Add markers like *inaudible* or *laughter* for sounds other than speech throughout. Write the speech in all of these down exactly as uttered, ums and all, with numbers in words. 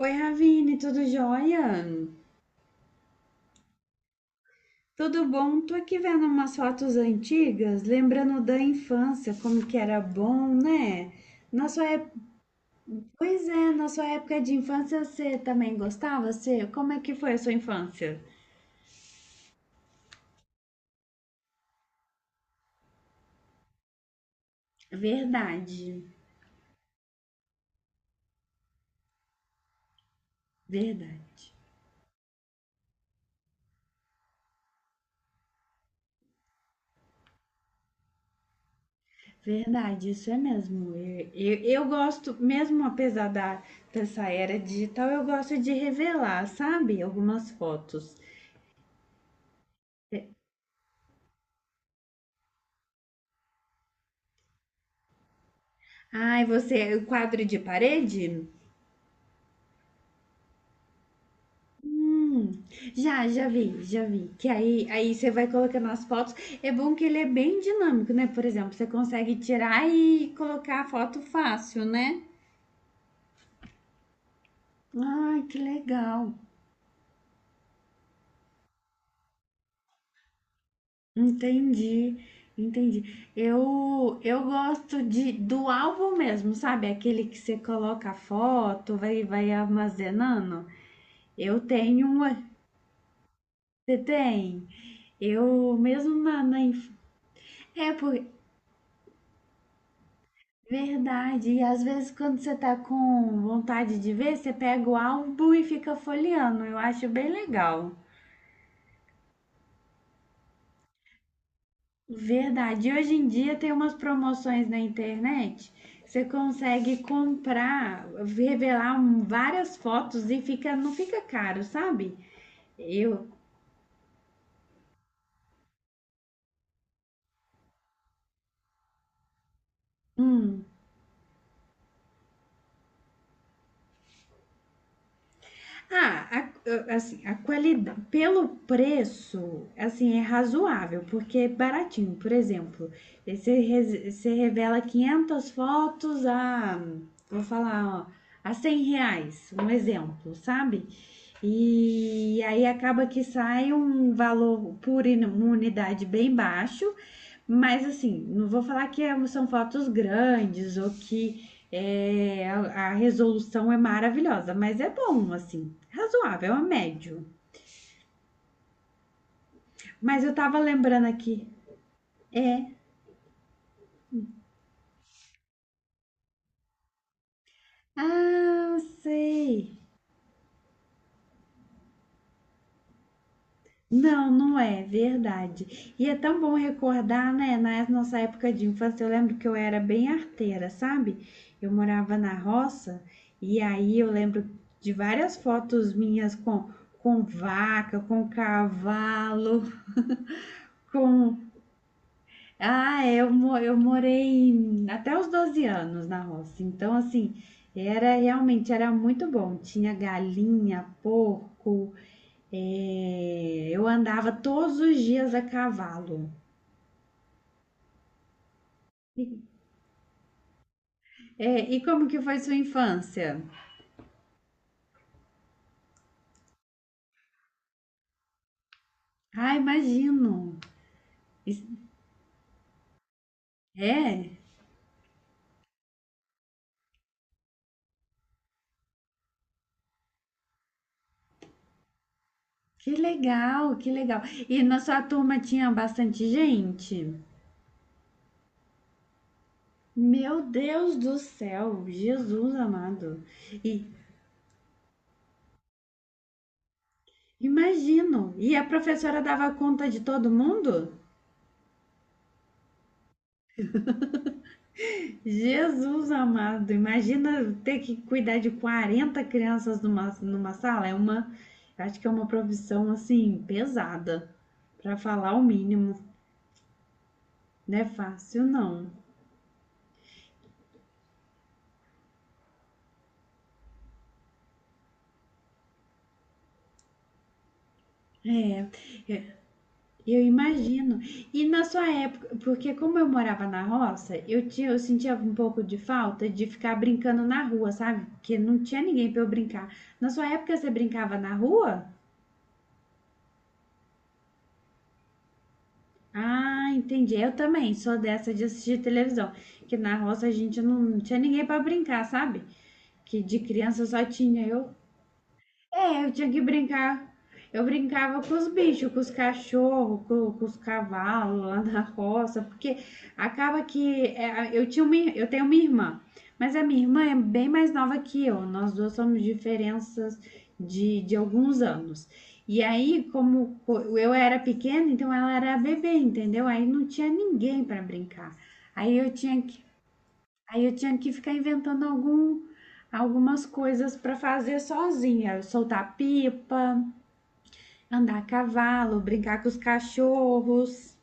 Oi, Ravine, tudo jóia? Tudo bom? Tô aqui vendo umas fotos antigas, lembrando da infância, como que era bom, né? Na sua época, pois é, na sua época de infância você também gostava? Você, como é que foi a sua infância? Verdade, verdade. Verdade, isso é mesmo. Eu, eu, eu gosto, mesmo apesar da, dessa era digital, eu gosto de revelar, sabe? Algumas fotos. Ai, você, o quadro de parede? Hum, já, já vi, já vi. Que aí, aí você vai colocando as fotos. É bom que ele é bem dinâmico, né? Por exemplo, você consegue tirar e colocar a foto fácil, né? Ai, que legal. Entendi, entendi. Eu, eu gosto de, do álbum mesmo, sabe? Aquele que você coloca a foto, vai, vai armazenando. Eu tenho uma. Você tem? Eu mesmo na, na inf-. É, por. Verdade. E às vezes quando você tá com vontade de ver, você pega o álbum e fica folheando. Eu acho bem legal. Verdade. E hoje em dia tem umas promoções na internet. Você consegue comprar, revelar um- várias fotos e fica, não fica caro, sabe? Eu, hum. Ah, a- assim, a qualidade, pelo preço, assim, é razoável, porque é baratinho. Por exemplo, aí você, res- você revela quinhentas fotos a, vou falar, ó, a cem reais, um exemplo, sabe? E aí acaba que sai um valor por in- uma unidade bem baixo, mas assim, não vou falar que é- são fotos grandes ou que é, a, a, resolução é maravilhosa, mas é bom, assim, razoável, é médio. Mas eu tava lembrando aqui, é. Ah, sei. Não, não é verdade. E é tão bom recordar, né? Na nossa época de infância, eu lembro que eu era bem arteira, sabe? Eu morava na roça e aí eu lembro de várias fotos minhas com, com vaca, com cavalo, *laughs* com. Ah, eu, mo- eu morei em- até os doze anos na roça. Então, assim, era realmente era muito bom. Tinha galinha, porco, é, eu andava todos os dias a cavalo. E, é, e como que foi sua infância? Ah, imagino. Is-. É, que legal, que legal. E na sua turma tinha bastante gente? Meu Deus do céu, Jesus amado. E imagino. E a professora dava conta de todo mundo? Jesus amado, imagina ter que cuidar de quarenta crianças numa, numa sala. É uma, acho que é uma profissão assim pesada, para falar o mínimo. Não é fácil, não. É, é, eu imagino. E na sua época, porque como eu morava na roça, eu tinha, eu sentia um pouco de falta de ficar brincando na rua, sabe? Porque não tinha ninguém para eu brincar. Na sua época você brincava na rua? Ah, entendi. Eu também sou dessa de assistir televisão. Que na roça a gente não tinha ninguém para brincar, sabe? Que de criança só tinha eu. É, eu tinha que brincar. Eu brincava com os bichos, com os cachorros, com, com os cavalos lá na roça, porque acaba que é, eu tinha uma, ir- eu tenho uma irmã, mas a minha irmã é bem mais nova que eu. Nós duas somos diferenças de, de alguns anos. E aí, como co- eu era pequena, então ela era bebê, entendeu? Aí não tinha ninguém para brincar. Aí eu tinha que Aí eu tinha que ficar inventando algum, algumas coisas para fazer sozinha, soltar pipa, andar a cavalo, brincar com os cachorros.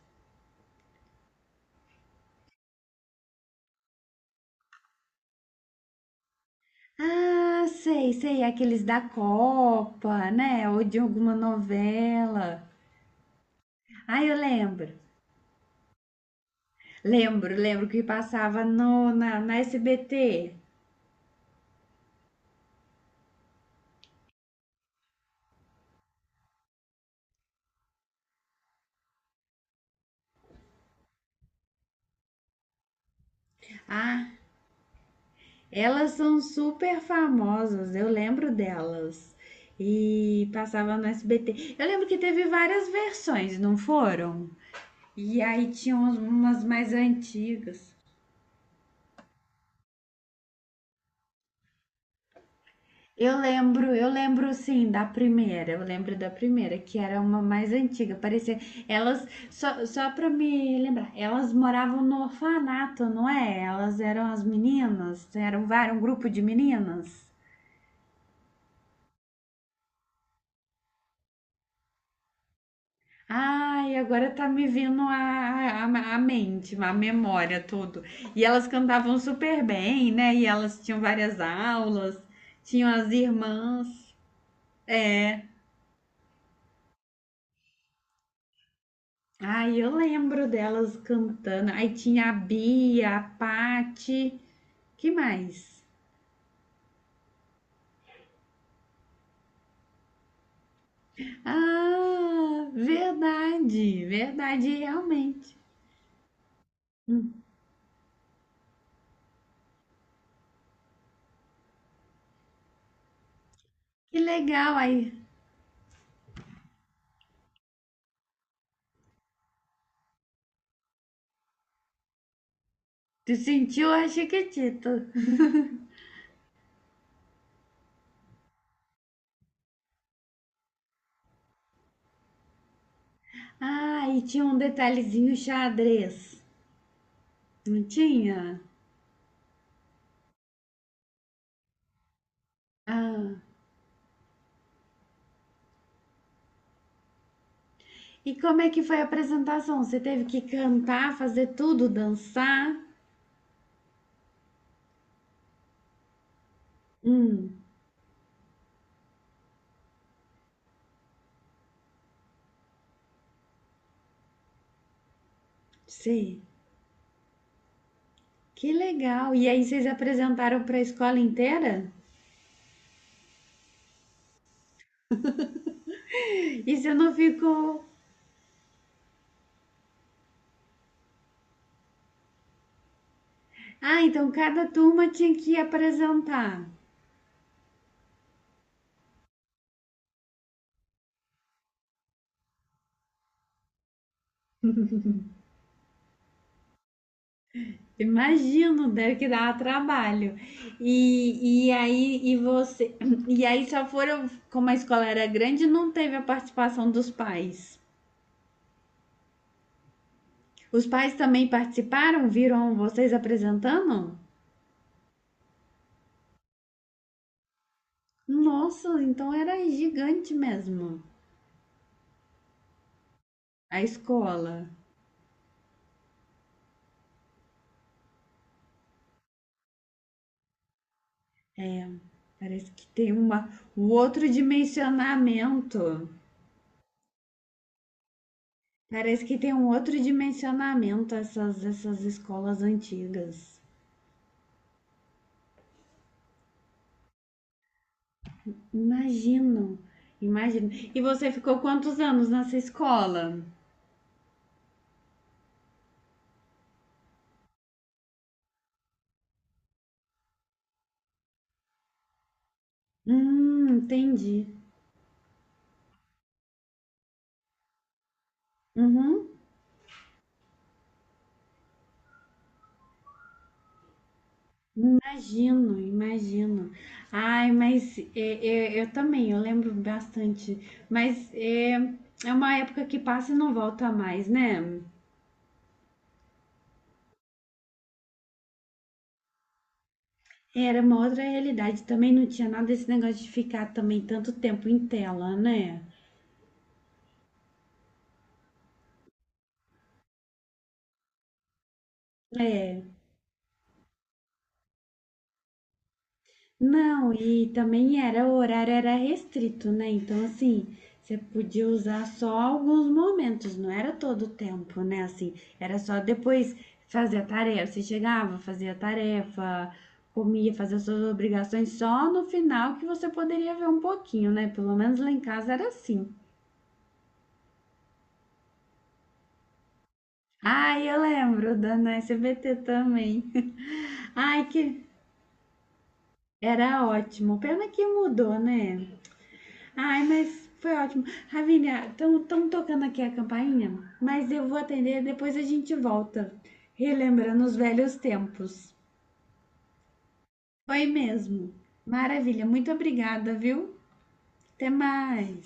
Ah, sei, sei, aqueles da Copa, né? Ou de alguma novela. Ah, eu lembro. Lembro, lembro que passava no, na, na S B T. Ah. Elas são super famosas, eu lembro delas. E passava no S B T. Eu lembro que teve várias versões, não foram? E aí tinha uns- umas mais antigas. Eu lembro, eu lembro sim da primeira. Eu lembro da primeira, que era uma mais antiga. Parecia. Elas, só, só pra me lembrar, elas moravam no orfanato, não é? Elas eram as meninas, eram, vários um grupo de meninas. Ai, agora tá me vindo a, a, a mente, a memória, tudo. E elas cantavam super bem, né? E elas tinham várias aulas, tinham as irmãs. É. Ai, eu lembro delas cantando. Aí tinha a Bia, a Pati, que mais? Ah, verdade, verdade, realmente. Hum. Que legal aí. Tu sentiu a Chiquitita. Ah, e tinha um detalhezinho xadrez. Não tinha? Ah. E como é que foi a apresentação? Você teve que cantar, fazer tudo, dançar? Hum, sei. Que legal. E aí vocês apresentaram para a escola inteira? E você não ficou. Ah, então cada turma tinha que apresentar. Imagino, deve que dar trabalho. E, e aí e você *clears throat* e aí só foram, como a escola era grande, não teve a participação dos pais. Os pais também participaram? Viram vocês apresentando? Nossa, então era gigante mesmo a escola. Parece que tem uma, um outro dimensionamento. Parece que tem um outro dimensionamento essas, essas escolas antigas. Imagino, imagino. E você ficou quantos anos nessa escola? Hum, entendi. Uhum. Imagino, imagino. Ai, mas é, é, eu também, eu lembro bastante. Mas é, é uma época que passa e não volta mais, né? Era uma outra realidade também, não tinha nada desse negócio de ficar também tanto tempo em tela, né? É. Não, e também era, o horário era restrito, né? Então, assim, você podia usar só alguns momentos, não era todo o tempo, né? Assim, era só depois fazer a tarefa. Você chegava, fazia a tarefa, comia, fazia suas obrigações, só no final que você poderia ver um pouquinho, né? Pelo menos lá em casa era assim. Ai, eu lembro da na S B T também. *laughs* Ai, que era ótimo. Pena que mudou, né? Ai, mas foi ótimo. Ravinha, estão tocando aqui a campainha, mas eu vou atender depois a gente volta. Relembrando os velhos tempos. Foi mesmo. Maravilha, muito obrigada, viu? Até mais.